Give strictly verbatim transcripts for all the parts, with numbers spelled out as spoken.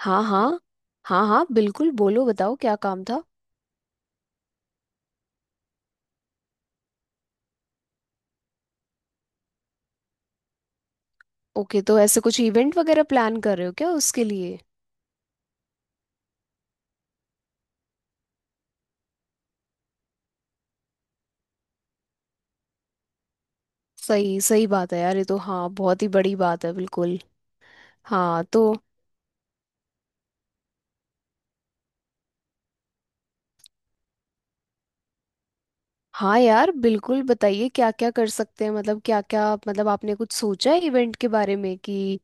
हाँ हाँ, हाँ हाँ, बिल्कुल बोलो बताओ क्या काम था? ओके तो ऐसे कुछ इवेंट वगैरह प्लान कर रहे हो क्या उसके लिए? सही सही बात है यार, ये तो हाँ बहुत ही बड़ी बात है बिल्कुल। हाँ तो। हाँ यार बिल्कुल बताइए क्या क्या कर सकते हैं, मतलब क्या क्या, मतलब आपने कुछ सोचा है इवेंट के बारे में कि।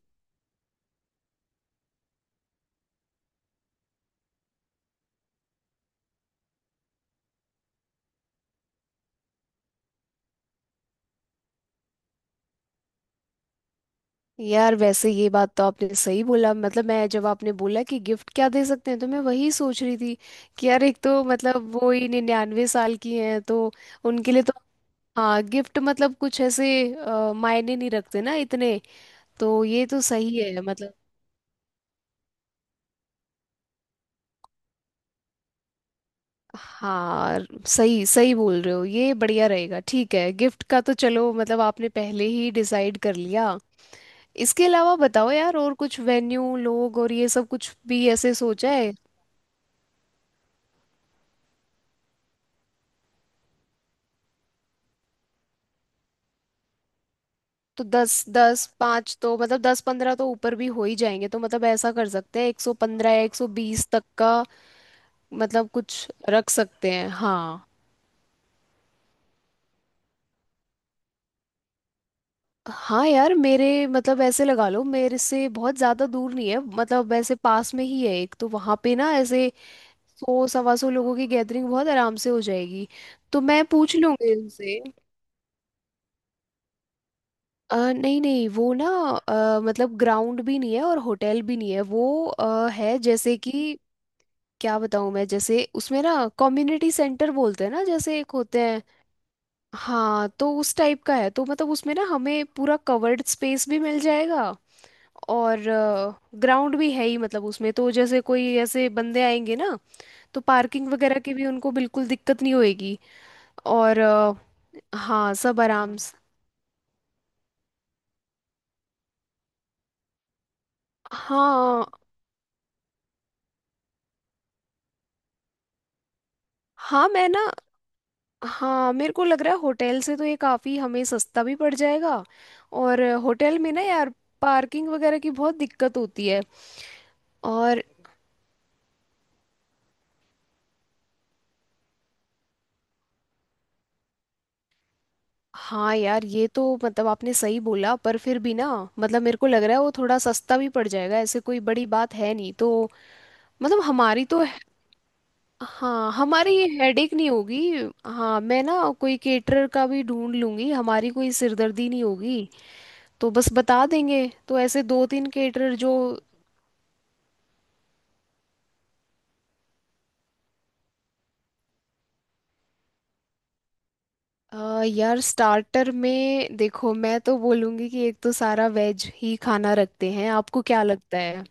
यार वैसे ये बात तो आपने सही बोला, मतलब मैं जब आपने बोला कि गिफ्ट क्या दे सकते हैं तो मैं वही सोच रही थी कि यार, एक तो मतलब वो ही निन्यानवे साल की हैं तो। उनके लिए तो, हाँ गिफ्ट मतलब कुछ ऐसे अ, मायने नहीं रखते ना इतने, तो ये तो सही है मतलब। हाँ सही सही बोल रहे हो, ये बढ़िया रहेगा। ठीक है, गिफ्ट का तो चलो, मतलब आपने पहले ही डिसाइड कर लिया। इसके अलावा बताओ यार, और कुछ वेन्यू लोग और ये सब कुछ भी ऐसे सोचा है? तो दस दस पाँच तो, मतलब दस पंद्रह तो ऊपर भी हो ही जाएंगे, तो मतलब ऐसा कर सकते हैं एक सौ पंद्रह या एक सौ बीस तक का। मतलब कुछ रख सकते हैं हाँ। हाँ यार मेरे, मतलब ऐसे लगा लो, मेरे से बहुत ज्यादा दूर नहीं है, मतलब वैसे पास में ही है एक तो। वहां पे ना ऐसे सौ सवा सौ लोगों की गैदरिंग बहुत आराम से हो जाएगी। तो मैं पूछ लूंगी उनसे। अ, नहीं नहीं वो ना, अ, मतलब ग्राउंड भी नहीं है और होटल भी नहीं है, वो अ, है जैसे कि क्या बताऊं मैं, जैसे उसमें ना कम्युनिटी सेंटर बोलते हैं ना जैसे, एक होते हैं हाँ, तो उस टाइप का है। तो मतलब उसमें ना हमें पूरा कवर्ड स्पेस भी मिल जाएगा और ग्राउंड भी है ही, मतलब उसमें तो जैसे कोई ऐसे बंदे आएंगे ना तो पार्किंग वगैरह की भी उनको बिल्कुल दिक्कत नहीं होएगी। और अ, हाँ, सब आराम से। हाँ हाँ मैं ना, हाँ मेरे को लग रहा है होटल से तो ये काफ़ी हमें सस्ता भी पड़ जाएगा। और होटल में ना यार पार्किंग वगैरह की बहुत दिक्कत होती है। और हाँ यार, ये तो मतलब आपने सही बोला पर फिर भी ना, मतलब मेरे को लग रहा है वो थोड़ा सस्ता भी पड़ जाएगा, ऐसे कोई बड़ी बात है नहीं तो। मतलब हमारी तो, हाँ हमारी ये हेडेक नहीं होगी। हाँ मैं ना कोई केटरर का भी ढूंढ लूंगी, हमारी कोई सिरदर्दी नहीं होगी। तो बस बता देंगे, तो ऐसे दो तीन केटरर जो। अ, यार स्टार्टर में देखो, मैं तो बोलूंगी कि एक तो सारा वेज ही खाना रखते हैं, आपको क्या लगता है?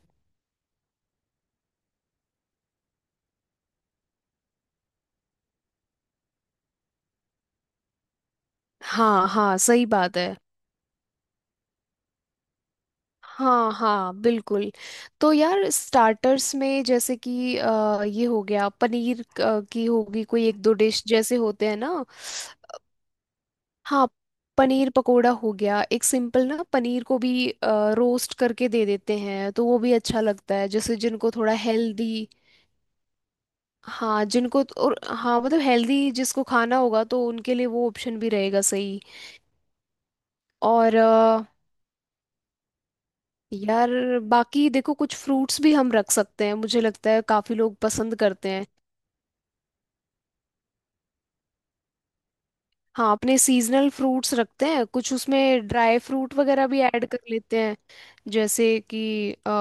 हाँ हाँ सही बात है। हाँ हाँ बिल्कुल। तो यार स्टार्टर्स में जैसे कि अ, ये हो गया पनीर, क- की होगी, कोई एक दो डिश जैसे होते हैं ना। हाँ पनीर पकोड़ा हो गया, एक सिंपल ना पनीर को भी रोस्ट करके दे देते हैं तो वो भी अच्छा लगता है, जैसे जिनको थोड़ा हेल्दी। हाँ जिनको तो- और हाँ मतलब हेल्दी जिसको खाना होगा तो उनके लिए वो ऑप्शन भी रहेगा, सही। और यार बाकी देखो, कुछ फ्रूट्स भी हम रख सकते हैं, मुझे लगता है काफी लोग पसंद करते हैं। हाँ अपने सीजनल फ्रूट्स रखते हैं, कुछ उसमें ड्राई फ्रूट वगैरह भी ऐड कर लेते हैं, जैसे कि अ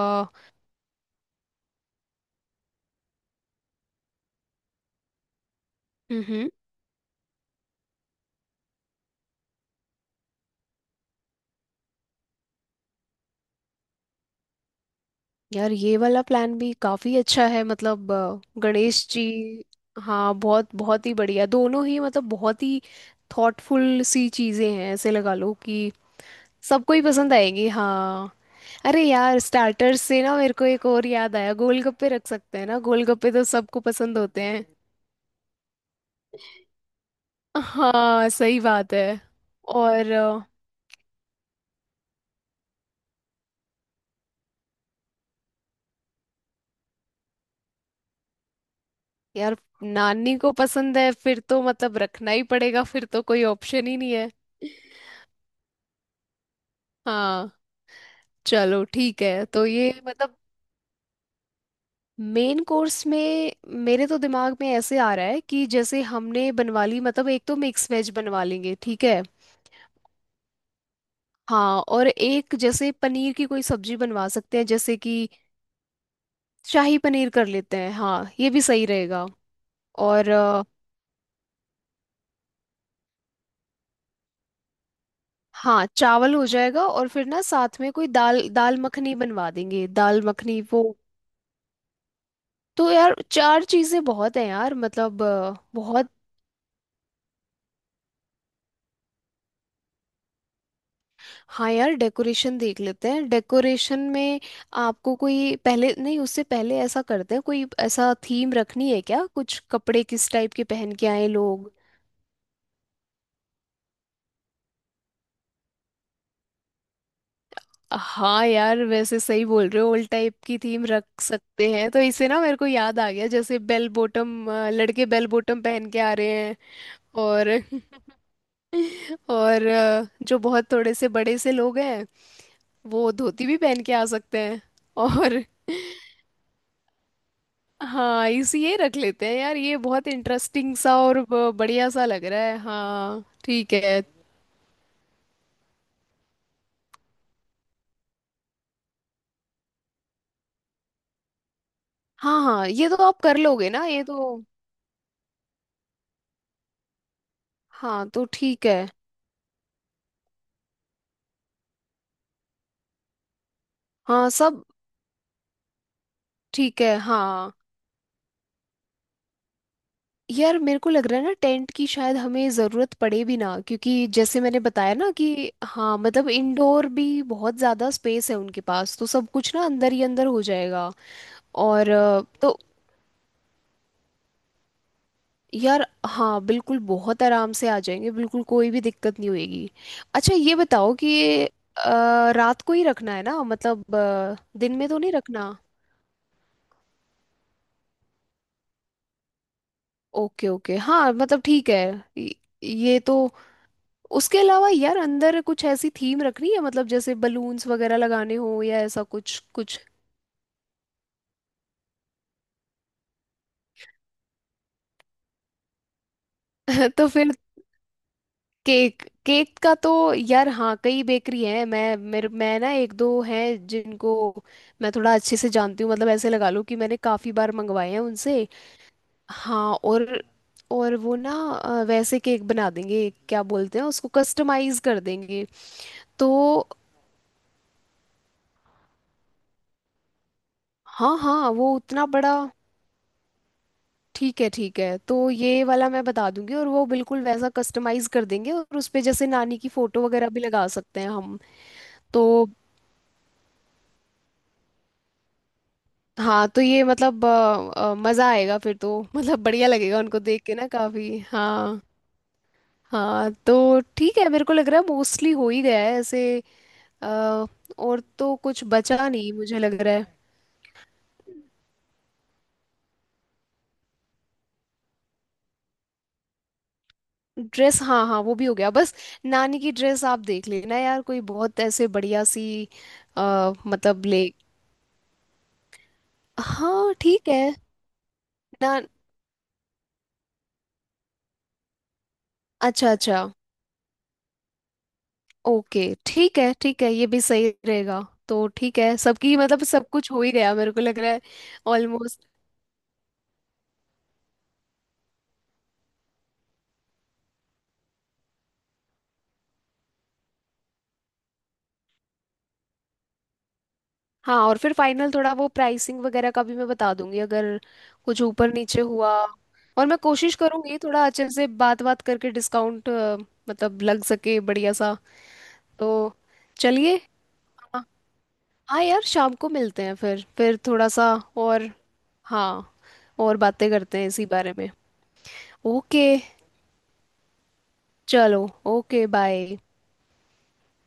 हम्म यार, ये वाला प्लान भी काफी अच्छा है, मतलब अ, गणेश जी। हाँ बहुत बहुत ही बढ़िया दोनों ही, मतलब बहुत ही थॉटफुल सी चीजें हैं, ऐसे लगा लो कि सबको ही पसंद आएगी हाँ। अरे यार स्टार्टर्स से ना मेरे को एक और याद आया, गोलगप्पे रख सकते हैं ना, गोलगप्पे तो सबको पसंद होते हैं। हाँ सही बात है। और अ, यार नानी को पसंद है फिर तो, मतलब रखना ही पड़ेगा, फिर तो कोई ऑप्शन ही नहीं है हाँ। चलो ठीक है तो ये मतलब। मेन कोर्स में मेरे तो दिमाग में ऐसे आ रहा है कि जैसे हमने बनवा ली, मतलब एक तो मिक्स वेज बनवा लेंगे ठीक है। हाँ और एक जैसे पनीर की कोई सब्जी बनवा सकते हैं जैसे कि, शाही पनीर कर लेते हैं हाँ, ये भी सही रहेगा। और अ, हाँ चावल हो जाएगा और फिर ना साथ में कोई दाल दाल मखनी बनवा देंगे, दाल मखनी वो। तो यार चार चीजें बहुत हैं यार, मतलब अ, बहुत। हाँ यार डेकोरेशन देख लेते हैं। डेकोरेशन में आपको कोई पहले नहीं, उससे पहले ऐसा करते हैं, कोई ऐसा थीम रखनी है क्या, कुछ कपड़े किस टाइप के पहन के आए लोग? हाँ यार वैसे सही बोल रहे हो, ओल्ड टाइप की थीम रख सकते हैं, तो इसे ना मेरे को याद आ गया, जैसे बेल बॉटम, लड़के बेल बॉटम पहन के आ रहे हैं। और और अ, जो बहुत थोड़े से बड़े से लोग हैं, वो धोती भी पहन के आ सकते हैं। और हाँ, इसी ये रख लेते हैं यार, ये बहुत इंटरेस्टिंग सा और ब- बढ़िया सा लग रहा है हाँ ठीक है। हाँ हाँ ये तो आप कर लोगे ना ये तो। हाँ तो ठीक है, हाँ सब ठीक है। हाँ यार मेरे को लग रहा है ना, टेंट की शायद हमें ज़रूरत पड़े भी ना, क्योंकि जैसे मैंने बताया ना कि हाँ मतलब इंडोर भी बहुत ज़्यादा स्पेस है उनके पास, तो सब कुछ ना अंदर ही अंदर हो जाएगा। और अ, तो यार हाँ बिल्कुल बहुत आराम से आ जाएंगे, बिल्कुल कोई भी दिक्कत नहीं होगी। अच्छा ये बताओ कि अ, रात को ही रखना है ना, मतलब अ, दिन में तो नहीं रखना? ओके ओके हाँ मतलब ठीक है। ये ये तो उसके अलावा यार अंदर कुछ ऐसी थीम रखनी है, मतलब जैसे बलून्स वगैरह लगाने हो या ऐसा कुछ कुछ। तो फिर केक केक का तो यार हाँ, कई बेकरी हैं, मैं मेरे मैं ना एक दो हैं जिनको मैं थोड़ा अच्छे से जानती हूँ, मतलब ऐसे लगा लो कि मैंने काफ़ी बार मंगवाए हैं उनसे। हाँ और और वो ना अ, वैसे केक बना देंगे, क्या बोलते हैं उसको, कस्टमाइज कर देंगे। तो हाँ हाँ वो उतना बड़ा। ठीक है ठीक है, तो ये वाला मैं बता दूंगी और वो बिल्कुल वैसा कस्टमाइज कर देंगे, और उस पे जैसे नानी की फोटो वगैरह भी लगा सकते हैं हम। तो हाँ तो ये मतलब अ, अ, मजा आएगा फिर तो, मतलब बढ़िया लगेगा उनको देख के ना काफी हाँ। हाँ तो ठीक है, मेरे को लग रहा है मोस्टली हो ही गया है ऐसे। अ, और तो कुछ बचा नहीं मुझे लग रहा है। ड्रेस हाँ हाँ वो भी हो गया बस, नानी की ड्रेस आप देख लेना यार, कोई बहुत ऐसे बढ़िया सी अ, मतलब ले। हाँ ठीक है ना। अच्छा अच्छा। ओके। ठीक है ठीक है, ये भी सही रहेगा। तो ठीक है, सबकी मतलब सब कुछ हो ही गया मेरे को लग रहा है, ऑलमोस्ट। हाँ और फिर फाइनल थोड़ा वो प्राइसिंग वगैरह का भी मैं बता दूंगी, अगर कुछ ऊपर नीचे हुआ। और मैं कोशिश करूंगी थोड़ा अच्छे से बात बात करके डिस्काउंट मतलब लग सके, बढ़िया सा तो। चलिए हाँ, हाँ यार शाम को मिलते हैं फिर फिर थोड़ा सा, और हाँ और बातें करते हैं इसी बारे में। ओके चलो, ओके बाय।